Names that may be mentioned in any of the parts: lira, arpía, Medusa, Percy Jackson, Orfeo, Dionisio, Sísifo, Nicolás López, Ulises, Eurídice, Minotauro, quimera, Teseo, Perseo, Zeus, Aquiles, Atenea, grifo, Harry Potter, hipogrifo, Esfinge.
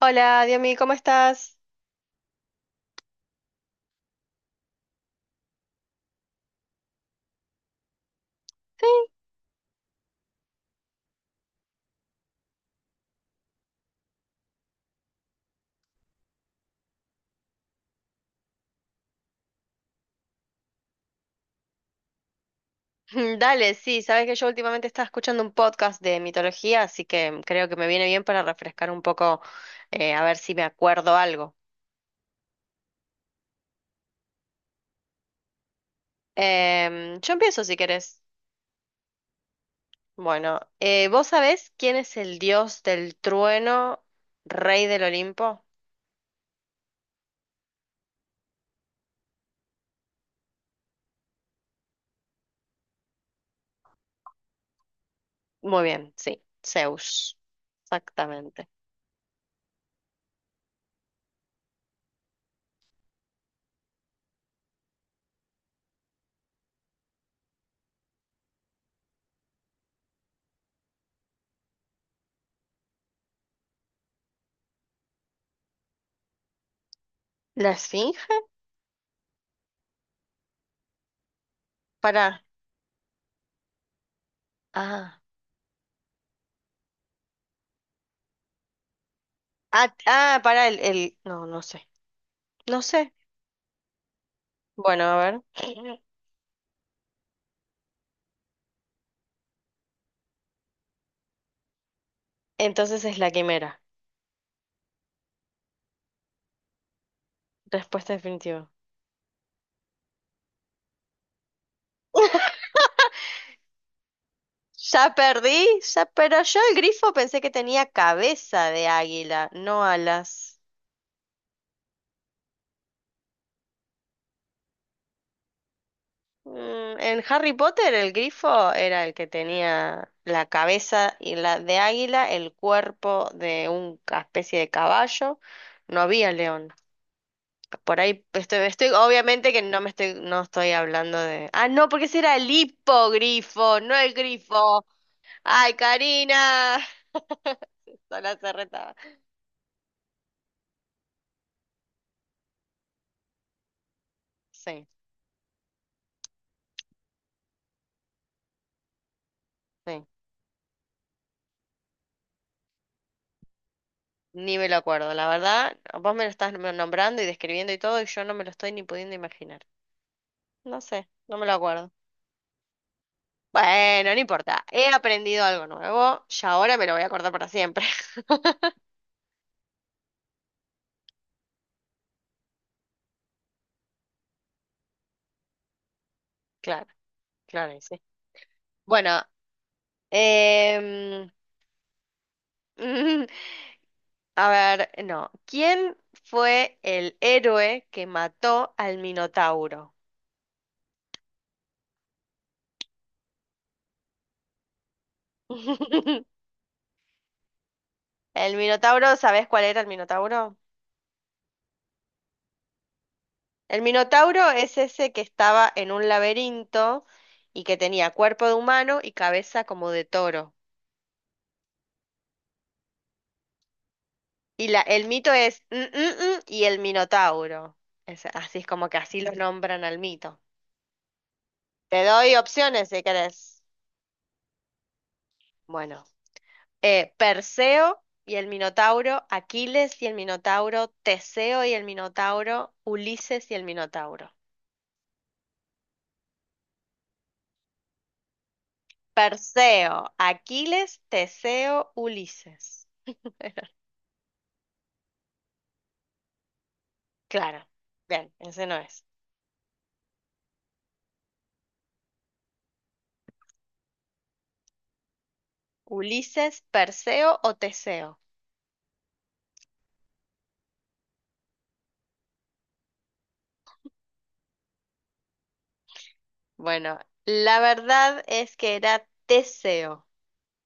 Hola, Diomi, ¿cómo estás? Sí, Dale, sí, sabes que yo últimamente estaba escuchando un podcast de mitología, así que creo que me viene bien para refrescar un poco, a ver si me acuerdo algo. Yo empiezo si querés. Bueno, ¿vos sabés quién es el dios del trueno, rey del Olimpo? Muy bien, sí, Zeus. Exactamente. ¿La Esfinge? Para. Ah, ah, ah, para el, el. No, no sé. No sé. Bueno, a ver. Entonces es la quimera. Respuesta definitiva. Ya perdí, ya, pero yo el grifo pensé que tenía cabeza de águila, no alas. Mm, en Harry Potter el grifo era el que tenía la cabeza y la de águila, el cuerpo de una especie de caballo. No había león. Por ahí estoy, obviamente que no me estoy, no estoy hablando de. Ah, no, porque ese era el hipogrifo, no el grifo. Ay, Karina, sola se retaba. Sí, sí. Ni me lo acuerdo. La verdad, vos me lo estás nombrando y describiendo y todo, y yo no me lo estoy ni pudiendo imaginar. No sé, no me lo acuerdo. Bueno, no importa. He aprendido algo nuevo y ahora me lo voy a acordar para siempre. Claro, claro, y sí. Bueno, em, a ver, no. ¿Quién fue el héroe que mató al Minotauro? ¿El Minotauro, sabés cuál era el Minotauro? El Minotauro es ese que estaba en un laberinto y que tenía cuerpo de humano y cabeza como de toro. Y la, el mito es "Mm, mm, mm", y el Minotauro. Es- así es como que así los nombran al mito. Te doy opciones si querés. Bueno, Perseo y el Minotauro, Aquiles y el Minotauro, Teseo y el Minotauro, Ulises y el Minotauro. Perseo, Aquiles, Teseo, Ulises. Claro, bien, ese no es. Ulises, Perseo o Teseo. Bueno, la verdad es que era Teseo.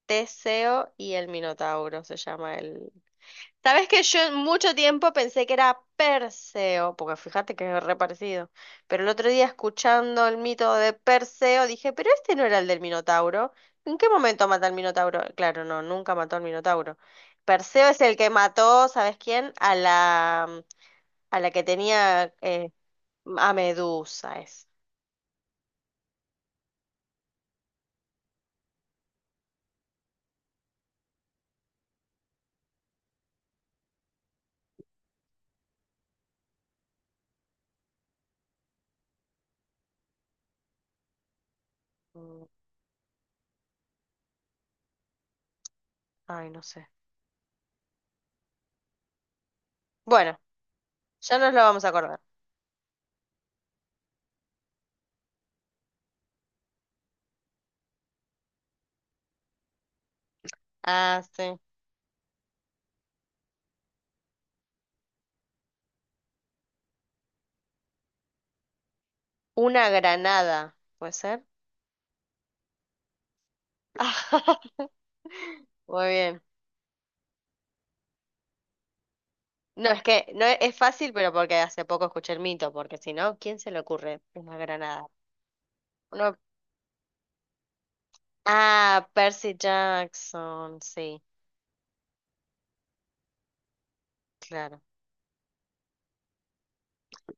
Teseo y el Minotauro se llama el... Sabes que yo mucho tiempo pensé que era Perseo, porque fíjate que es re parecido. Pero el otro día escuchando el mito de Perseo dije, pero este no era el del Minotauro. ¿En qué momento mata al Minotauro? Claro, no, nunca mató al Minotauro. Perseo es el que mató, ¿sabes quién? A la que tenía a Medusa. Mm, ay, no sé. Bueno, ya nos lo vamos a acordar. Ah, sí. Una granada, ¿puede ser? Muy bien. No, es que no es es fácil, pero porque hace poco escuché el mito, porque si no, ¿quién se le ocurre una granada? Uno... Ah, Percy Jackson, sí, claro.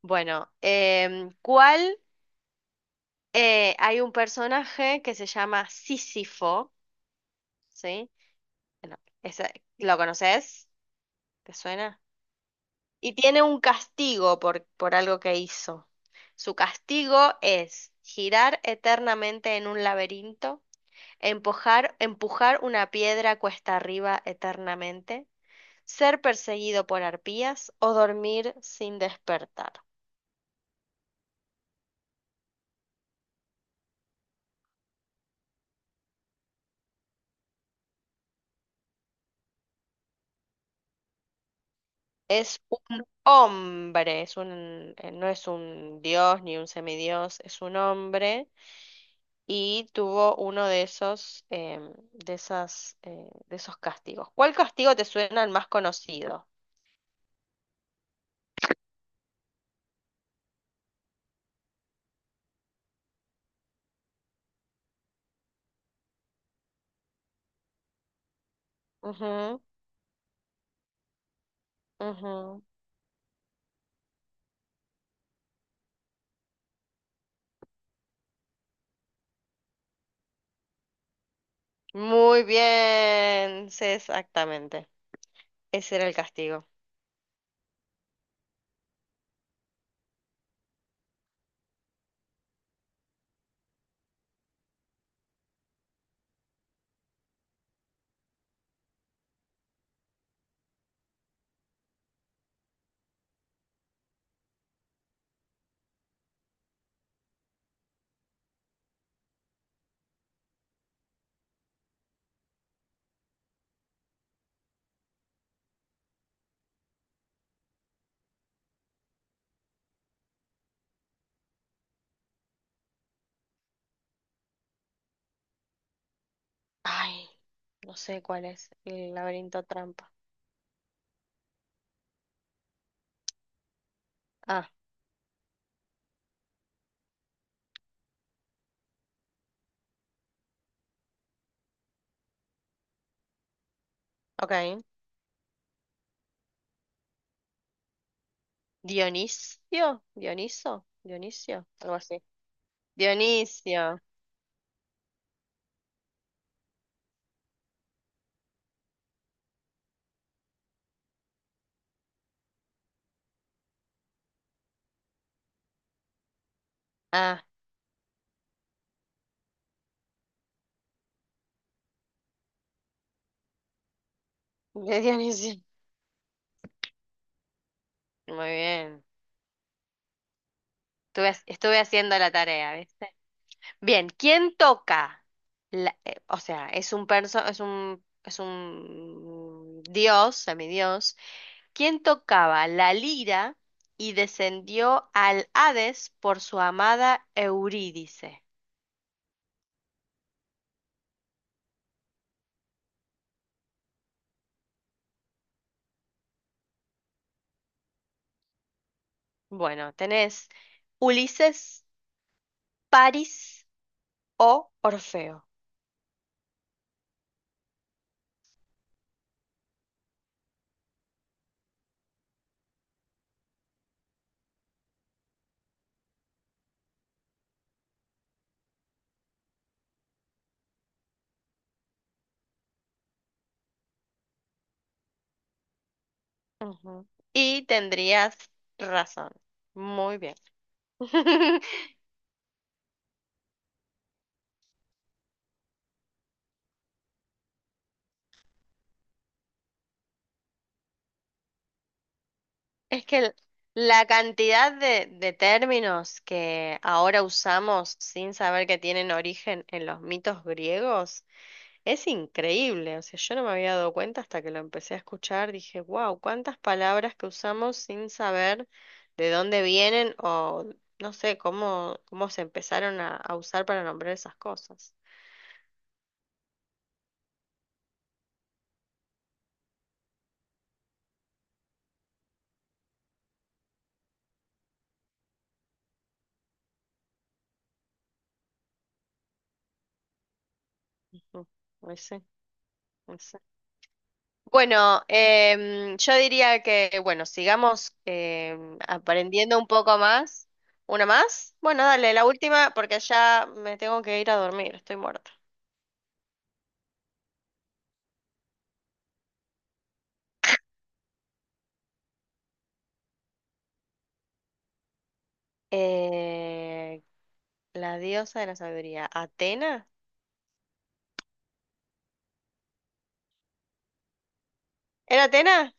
Bueno, ¿cuál? Hay un personaje que se llama Sísifo, ¿sí? Bueno, ¿lo conoces? ¿Te suena? Y tiene un castigo por algo que hizo. Su castigo es girar eternamente en un laberinto, empujar una piedra cuesta arriba eternamente, ser perseguido por arpías o dormir sin despertar. Es un hombre, es un, no es un dios ni un semidios, es un hombre y tuvo uno de esos, de esas, de esos castigos. ¿Cuál castigo te suena el más conocido? Ujú, ujú. Muy bien, sí, exactamente. Ese era el castigo. Ay, no sé cuál es el laberinto trampa. Ah, ok. Dionisio, Dioniso, Dionisio, algo así. Dionisio. Ah, de Dionisio. Muy bien. Estuve haciendo la tarea, ¿viste? Bien, ¿quién toca? O sea, es un perso, es un dios, semidios quien tocaba la lira y descendió al Hades por su amada Eurídice. Bueno, tenés Ulises, París o Orfeo. Ujú. Y tendrías razón. Muy bien. Es que el- la cantidad de términos que ahora usamos sin saber que tienen origen en los mitos griegos es increíble. O sea, yo no me había dado cuenta hasta que lo empecé a escuchar, dije, wow, cuántas palabras que usamos sin saber de dónde vienen o no sé cómo, cómo se empezaron a usar para nombrar esas cosas. Ujú, ahí sí, ahí sí. Bueno, yo diría que, bueno, sigamos aprendiendo un poco más. ¿Una más? Bueno, dale, la última, porque ya me tengo que ir a dormir, estoy muerta. Eh, la diosa de la sabiduría, Atena. ¿Era Atena?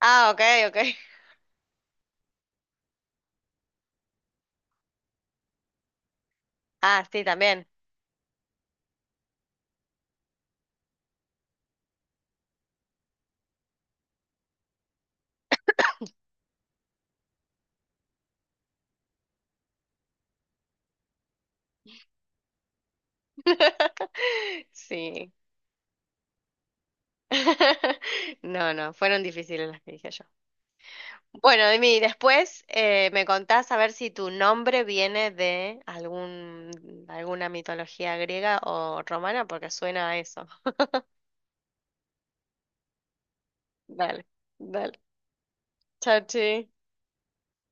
Ah, ok, ok. Ah, sí, también. Sí. No, no, fueron difíciles las que dije yo. Bueno, Dimi, después me contás a ver si tu nombre viene de algún, alguna mitología griega o romana, porque suena a eso. Dale, dale. Chachi.